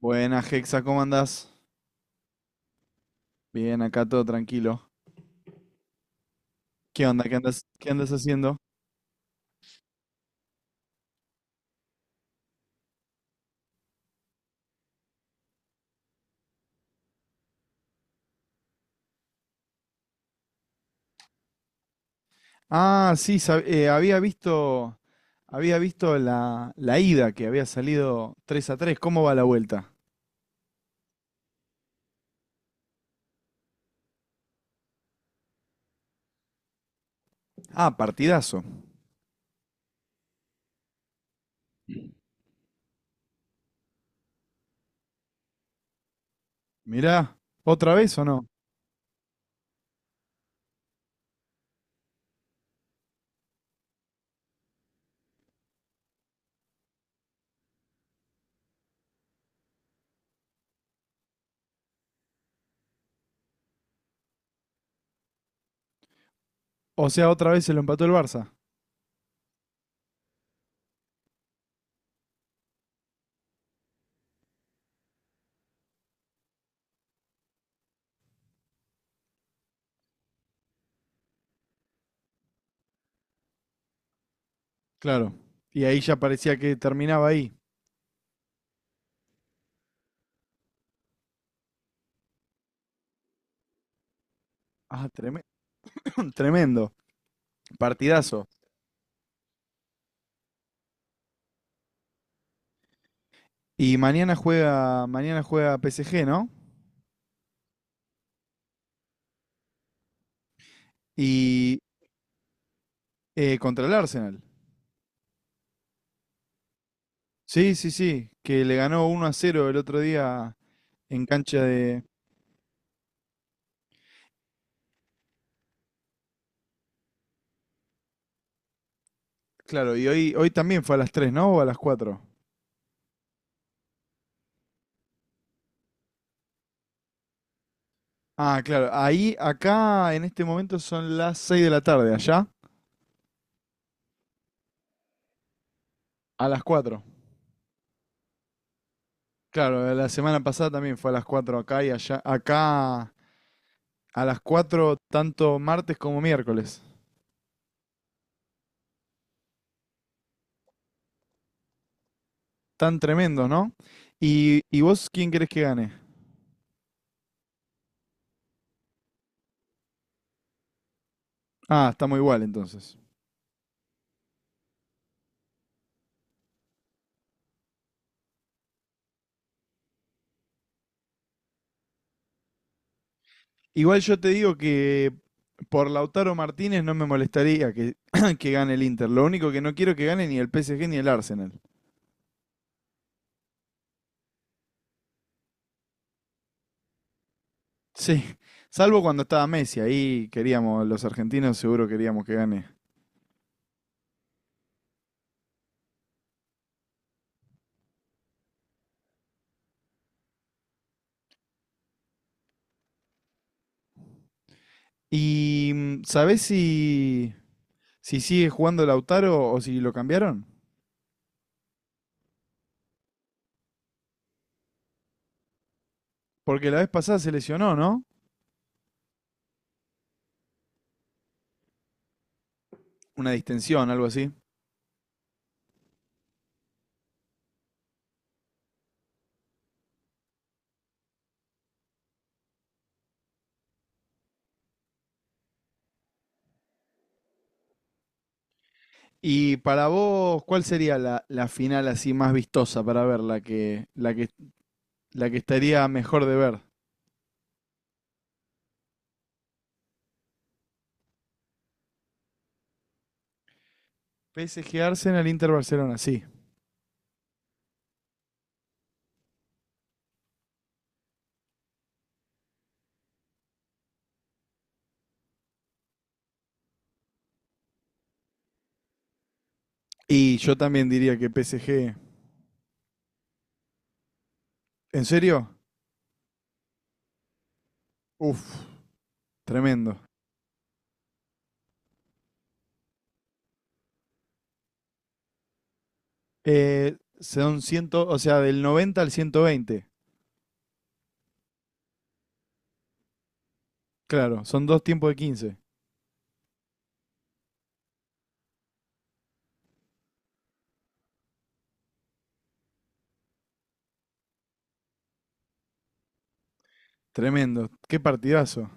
Buenas, Hexa, ¿cómo andás? Bien, acá todo tranquilo. ¿Qué onda? ¿Qué andas haciendo? Ah, sí, había visto la ida que había salido 3-3. ¿Cómo va la vuelta? Ah, partidazo. Mirá, ¿otra vez o no? O sea, otra vez se lo empató el Barça. Claro. Y ahí ya parecía que terminaba ahí. Ah, tremendo. Partidazo. Y mañana juega PSG, ¿no? Y contra el Arsenal. Sí, sí, sí, que le ganó 1-0 el otro día en cancha de... Claro, y hoy también fue a las 3, ¿no? ¿O a las cuatro? Ah, claro, ahí, acá en este momento son las 6 de la tarde, allá a las cuatro. Claro, la semana pasada también fue a las 4 acá y allá, acá a las cuatro tanto martes como miércoles. Tan tremendos, ¿no? ¿Y vos quién querés que gane? Ah, estamos igual entonces. Igual yo te digo que por Lautaro Martínez no me molestaría que, que gane el Inter. Lo único que no quiero que gane ni el PSG ni el Arsenal. Sí, salvo cuando estaba Messi, ahí queríamos, los argentinos seguro queríamos que gane. ¿Y sabés si, sigue jugando Lautaro o si lo cambiaron? Porque la vez pasada se lesionó, ¿no? Una distensión, algo así. Y para vos, ¿cuál sería la final así más vistosa para ver? La que estaría mejor de ver. PSG Arsenal, Inter Barcelona, sí. Y yo también diría que PSG. ¿En serio? Uf, tremendo. Son 100, o sea, del 90 al 120. Claro, son dos tiempos de 15. Tremendo. Qué partidazo.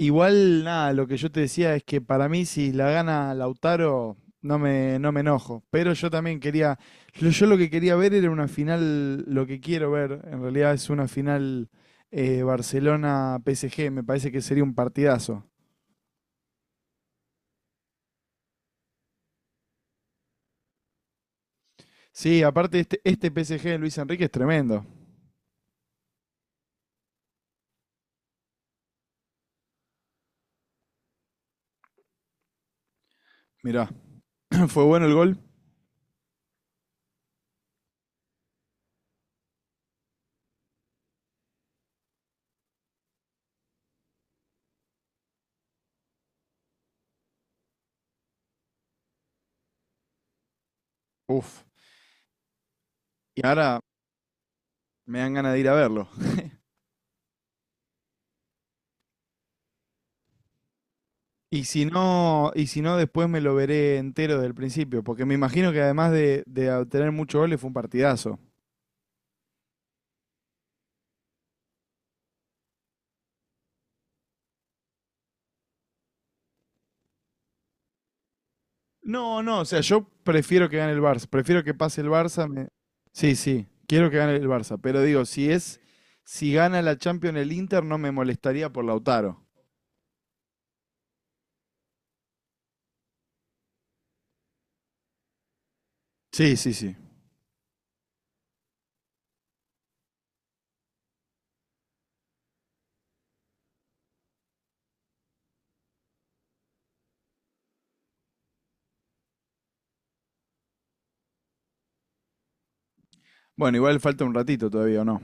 Igual, nada, lo que yo te decía es que para mí, si la gana Lautaro, no me enojo. Pero yo también quería. Yo lo que quería ver era una final. Lo que quiero ver, en realidad, es una final Barcelona-PSG. Me parece que sería un partidazo. Sí, aparte este PSG de Luis Enrique es tremendo. Mirá, fue bueno el gol. Uf. Y ahora me dan ganas de ir a verlo. Y si no, después me lo veré entero desde el principio, porque me imagino que además de obtener muchos goles fue un partidazo. No, no, o sea, yo prefiero que gane el Barça, prefiero que pase el Barça. Sí, sí, quiero que gane el Barça, pero digo, si gana la Champions el Inter, no me molestaría por Lautaro. Sí, sí, sí. Bueno, igual falta un ratito todavía, ¿o no?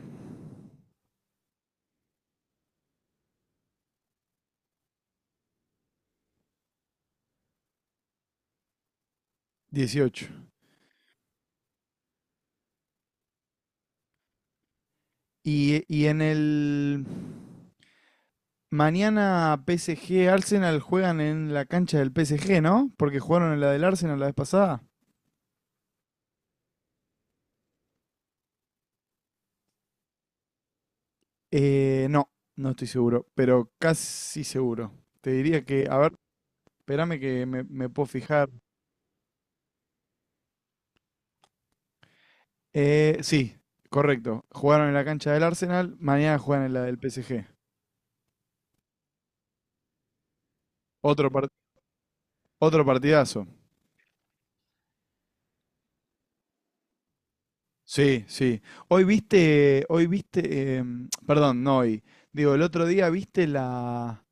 18. Y mañana PSG Arsenal juegan en la cancha del PSG, ¿no? Porque jugaron en la del Arsenal la vez pasada. No, no estoy seguro, pero casi seguro. Te diría que, a ver, espérame que me puedo fijar. Sí, correcto. Jugaron en la cancha del Arsenal, mañana juegan en la del PSG. Otro, par- otro partidazo. Sí, sí. Hoy viste, perdón, no hoy. Digo, el otro día viste la,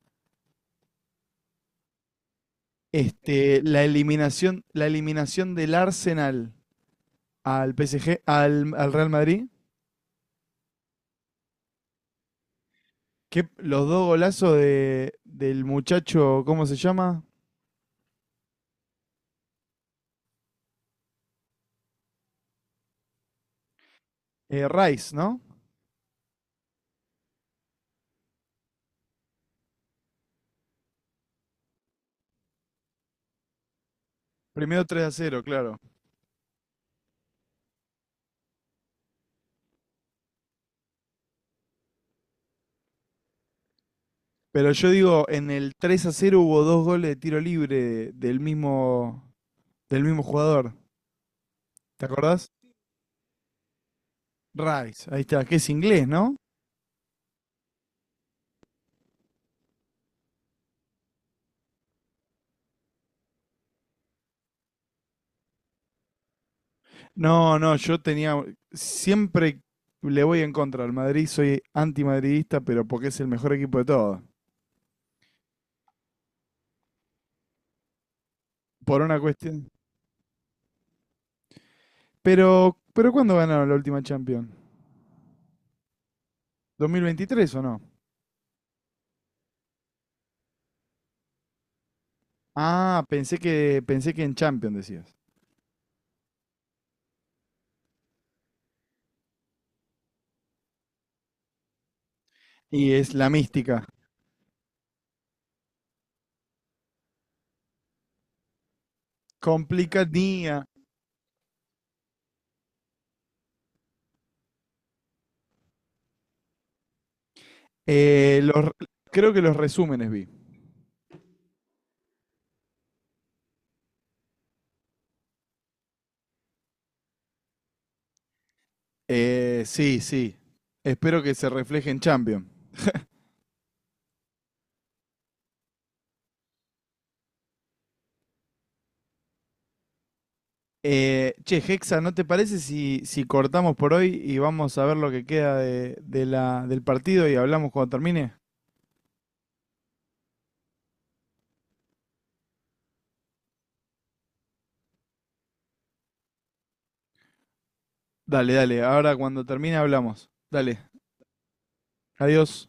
Este, la eliminación, la eliminación del Arsenal al PSG, al Real Madrid. Que los dos golazos del muchacho, ¿cómo se llama? Rice, ¿no? Primero 3-0, claro. Pero yo digo, en el 3-0 hubo dos goles de tiro libre del mismo jugador. ¿Te acordás? Rice, ahí está, que es inglés, ¿no? No, no, yo tenía. Siempre le voy en contra al Madrid, soy antimadridista, pero porque es el mejor equipo de todos. Por una cuestión. Pero ¿cuándo ganaron la última Champions? ¿2023 o no? Ah, pensé que en Champions decías. Y es la mística. Complicadía. Eh, los- creo que los resúmenes vi. Sí, sí. Espero que se refleje en Champions. Che, Hexa, ¿no te parece si cortamos por hoy y vamos a ver lo que queda del partido y hablamos cuando termine? Dale, dale. Ahora cuando termine hablamos. Dale. Adiós.